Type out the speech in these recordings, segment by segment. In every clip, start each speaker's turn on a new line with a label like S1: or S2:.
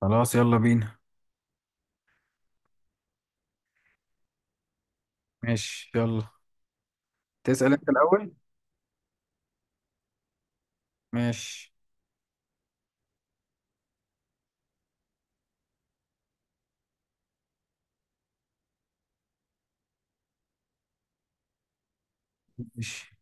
S1: خلاص يلا بينا. ماشي يلا، تسأل انت الأول. ماشي ماشي.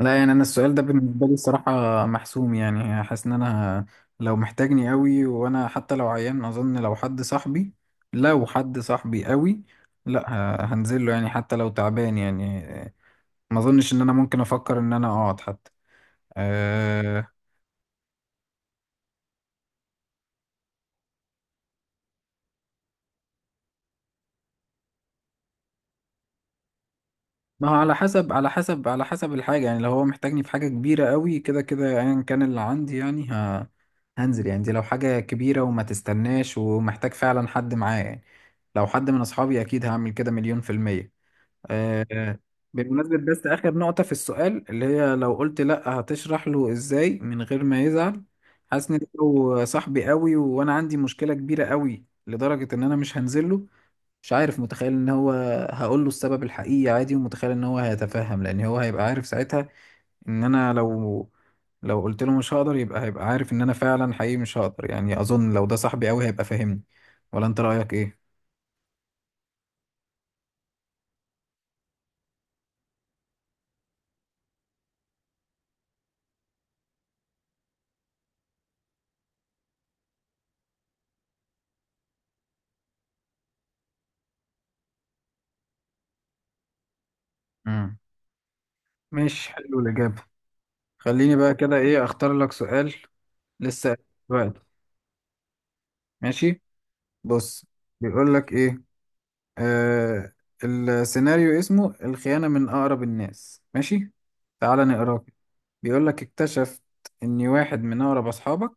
S1: لا يعني انا السؤال ده بالنسبة لي الصراحة محسوم، يعني حاسس ان انا لو محتاجني قوي وانا حتى لو عيان، اظن لو حد صاحبي، لو حد صاحبي قوي، لا هنزل له يعني حتى لو تعبان يعني. ما اظنش ان انا ممكن افكر ان انا اقعد حتى. آه، ما هو على حسب، على حسب الحاجة، يعني لو هو محتاجني في حاجة كبيرة قوي كده كده ايا كان اللي عندي يعني هنزل يعني. دي لو حاجة كبيرة وما تستناش ومحتاج فعلا حد معايا يعني. لو حد من أصحابي أكيد هعمل كده 100%. آه. بالمناسبة بس آخر نقطة في السؤال، اللي هي لو قلت لأ هتشرح له إزاي من غير ما يزعل. حاسس إن لو صاحبي قوي وأنا عندي مشكلة كبيرة قوي لدرجة إن أنا مش هنزله، مش عارف، متخيل ان هو، هقول له السبب الحقيقي عادي ومتخيل ان هو هيتفهم، لان هو هيبقى عارف ساعتها ان انا لو قلت له مش هقدر، يبقى هيبقى عارف ان انا فعلا حقيقي مش هقدر. يعني اظن لو ده صاحبي قوي هيبقى فاهمني. ولا انت رأيك ايه؟ امم ماشي، حلو الإجابة. خليني بقى كده ايه اختار لك سؤال. لسه دلوقتي. ماشي، بص، بيقول لك ايه. آه السيناريو اسمه الخيانة من أقرب الناس. ماشي، تعال نقراه كده. بيقول لك: اكتشفت إن واحد من أقرب أصحابك،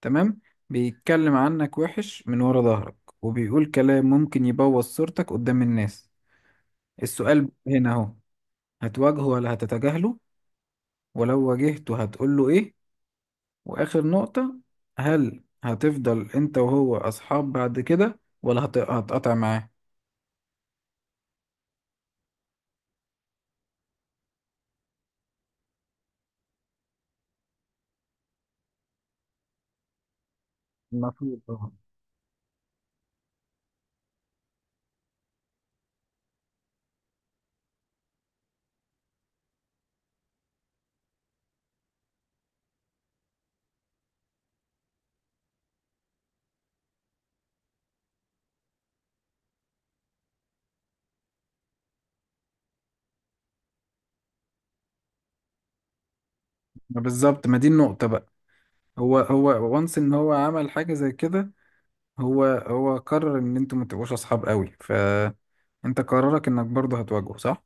S1: تمام، بيتكلم عنك وحش من ورا ظهرك، وبيقول كلام ممكن يبوظ صورتك قدام الناس. السؤال هنا أهو: هتواجهه ولا هتتجاهله؟ ولو واجهته هتقوله إيه؟ وآخر نقطة، هل هتفضل أنت وهو أصحاب بعد كده ولا هتقطع معاه؟ المفروض طبعا. ما بالظبط، ما دي النقطة بقى. هو وانس ان هو عمل حاجة زي كده، هو قرر ان انتوا ما تبقوش اصحاب قوي، فانت قرارك انك برضه هتواجهه صح؟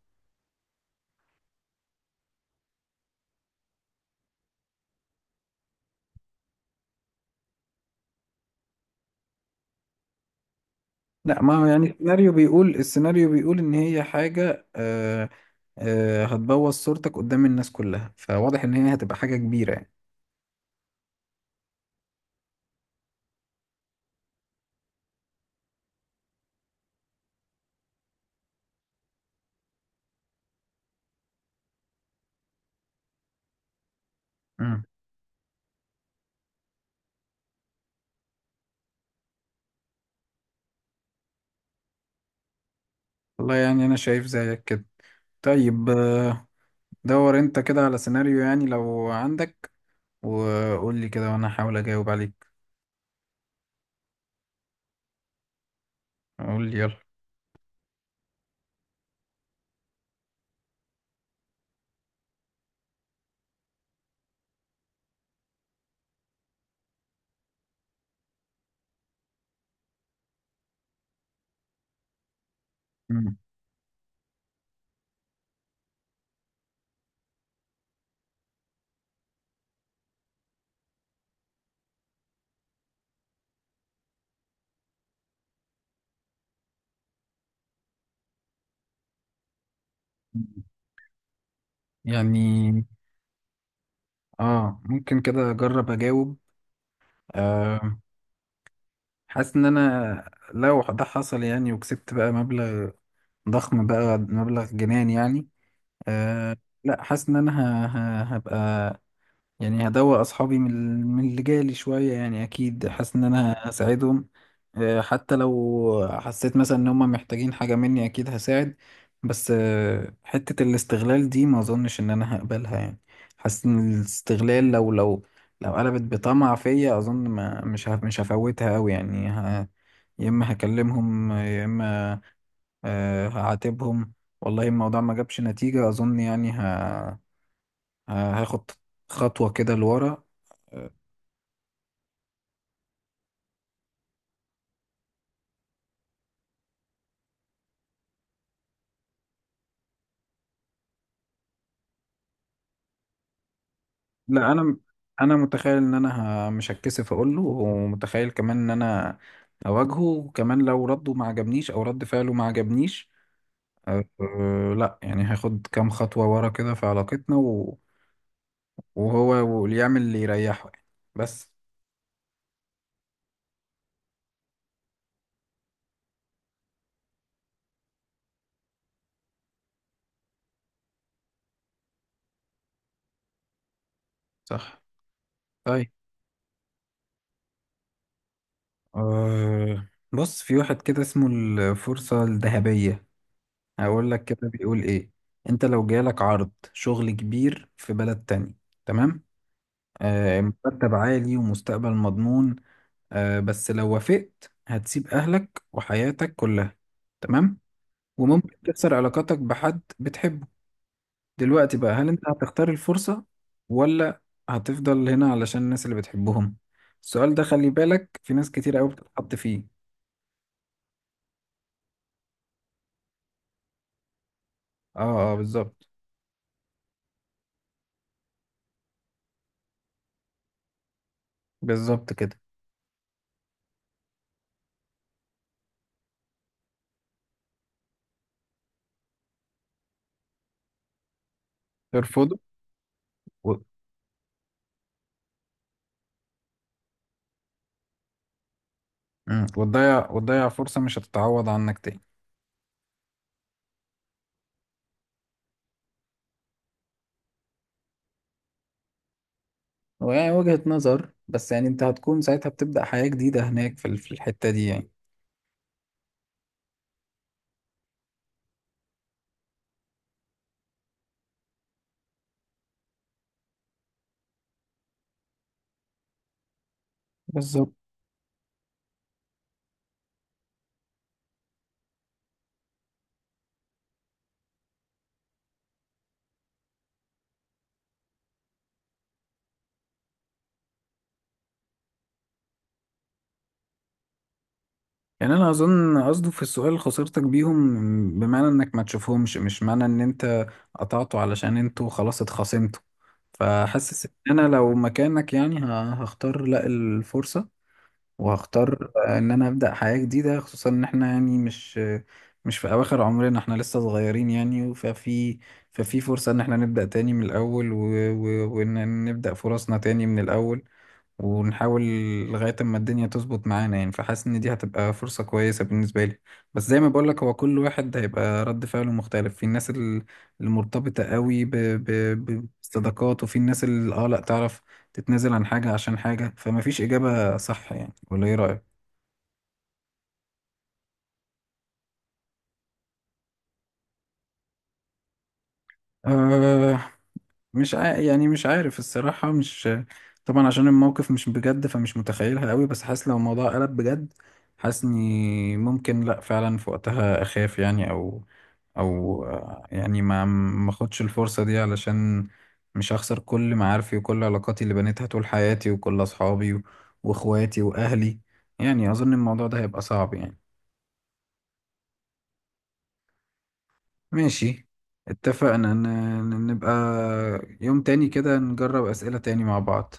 S1: لا ما هو يعني السيناريو بيقول، السيناريو بيقول ان هي حاجة آه هتبوظ صورتك قدام الناس كلها، فواضح ان هي هتبقى حاجة كبيرة يعني. مم. والله يعني انا شايف زيك كده. طيب دور انت كده على سيناريو يعني لو عندك، وقول لي كده وانا هحاول اجاوب عليك. قول لي يلا. مم. يعني اه ممكن كده اجرب اجاوب. آه حاسس ان انا لو ده حصل يعني، وكسبت بقى مبلغ ضخم، بقى مبلغ جنان يعني. آه. لا حاسس ان انا ه- هبقى، يعني هدوق اصحابي من من اللي جالي شويه، يعني اكيد حاسس ان انا هساعدهم. حتى لو حسيت مثلا ان هم محتاجين حاجه مني اكيد هساعد. بس حته الاستغلال دي ما اظنش ان انا هقبلها يعني. حاسس ان الاستغلال لو، لو قلبت بطمع فيا، اظن ما مش هفوتها قوي يعني. يا اما هكلمهم، يا اما هعاتبهم. والله، الموضوع ما جابش نتيجه اظن يعني، هاخد خطوه كده لورا. لا انا، انا متخيل ان انا مش هتكسف اقول له، ومتخيل كمان ان انا اواجهه. وكمان لو رده ما عجبنيش او رد فعله ما عجبنيش، أه أه، لا يعني هاخد كام خطوة ورا كده في علاقتنا، وهو اللي يعمل اللي يريحه يعني. بس. صح. طيب أه بص، في واحد كده اسمه الفرصة الذهبية. هقول لك كده بيقول ايه: انت لو جالك عرض شغل كبير في بلد تاني، تمام، مرتب عالي ومستقبل مضمون، بس لو وافقت هتسيب أهلك وحياتك كلها، تمام، وممكن تكسر علاقاتك بحد بتحبه. دلوقتي بقى، هل أنت هتختار الفرصة ولا هتفضل هنا علشان الناس اللي بتحبهم؟ السؤال ده خلي بالك في ناس كتير قوي بتتحط فيه. اه اه بالظبط. بالظبط كده. ترفضه؟ و... مم. وتضيع، وتضيع فرصة مش هتتعوض عنك تاني. ويعني وجهة نظر، بس يعني انت هتكون ساعتها بتبدأ حياة جديدة هناك في في الحتة دي يعني. بالظبط. يعني انا اظن قصده في السؤال خسارتك بيهم بمعنى انك ما تشوفهمش، مش معنى ان انت قطعته علشان انتوا خلاص اتخاصمتوا. فحاسس ان انا لو مكانك يعني هختار لا الفرصة، وهختار ان انا ابدأ حياة جديدة، خصوصا ان احنا يعني مش مش في اواخر عمرنا، احنا لسه صغيرين يعني، ففي فرصة ان احنا نبدأ تاني من الاول وان نبدأ فرصنا تاني من الاول ونحاول لغاية اما الدنيا تظبط معانا يعني. فحاسس ان دي هتبقى فرصة كويسة بالنسبة لي. بس زي ما بقولك، هو كل واحد هيبقى رد فعله مختلف، في الناس المرتبطة قوي بالصداقات، وفي الناس اللي اه لا تعرف تتنازل عن حاجة عشان حاجة، فما فيش إجابة صح يعني. ولا ايه رأيك؟ آه مش عا... يعني مش عارف الصراحة، مش، طبعا عشان الموقف مش بجد فمش متخيلها قوي، بس حاسس لو الموضوع قلب بجد، حاسس اني ممكن لا فعلا في وقتها اخاف يعني، او او يعني ما اخدش الفرصة دي علشان مش هخسر كل معارفي وكل علاقاتي اللي بنيتها طول حياتي وكل اصحابي واخواتي واهلي. يعني اظن الموضوع ده هيبقى صعب يعني. ماشي، اتفقنا نبقى يوم تاني كده نجرب اسئلة تاني مع بعض.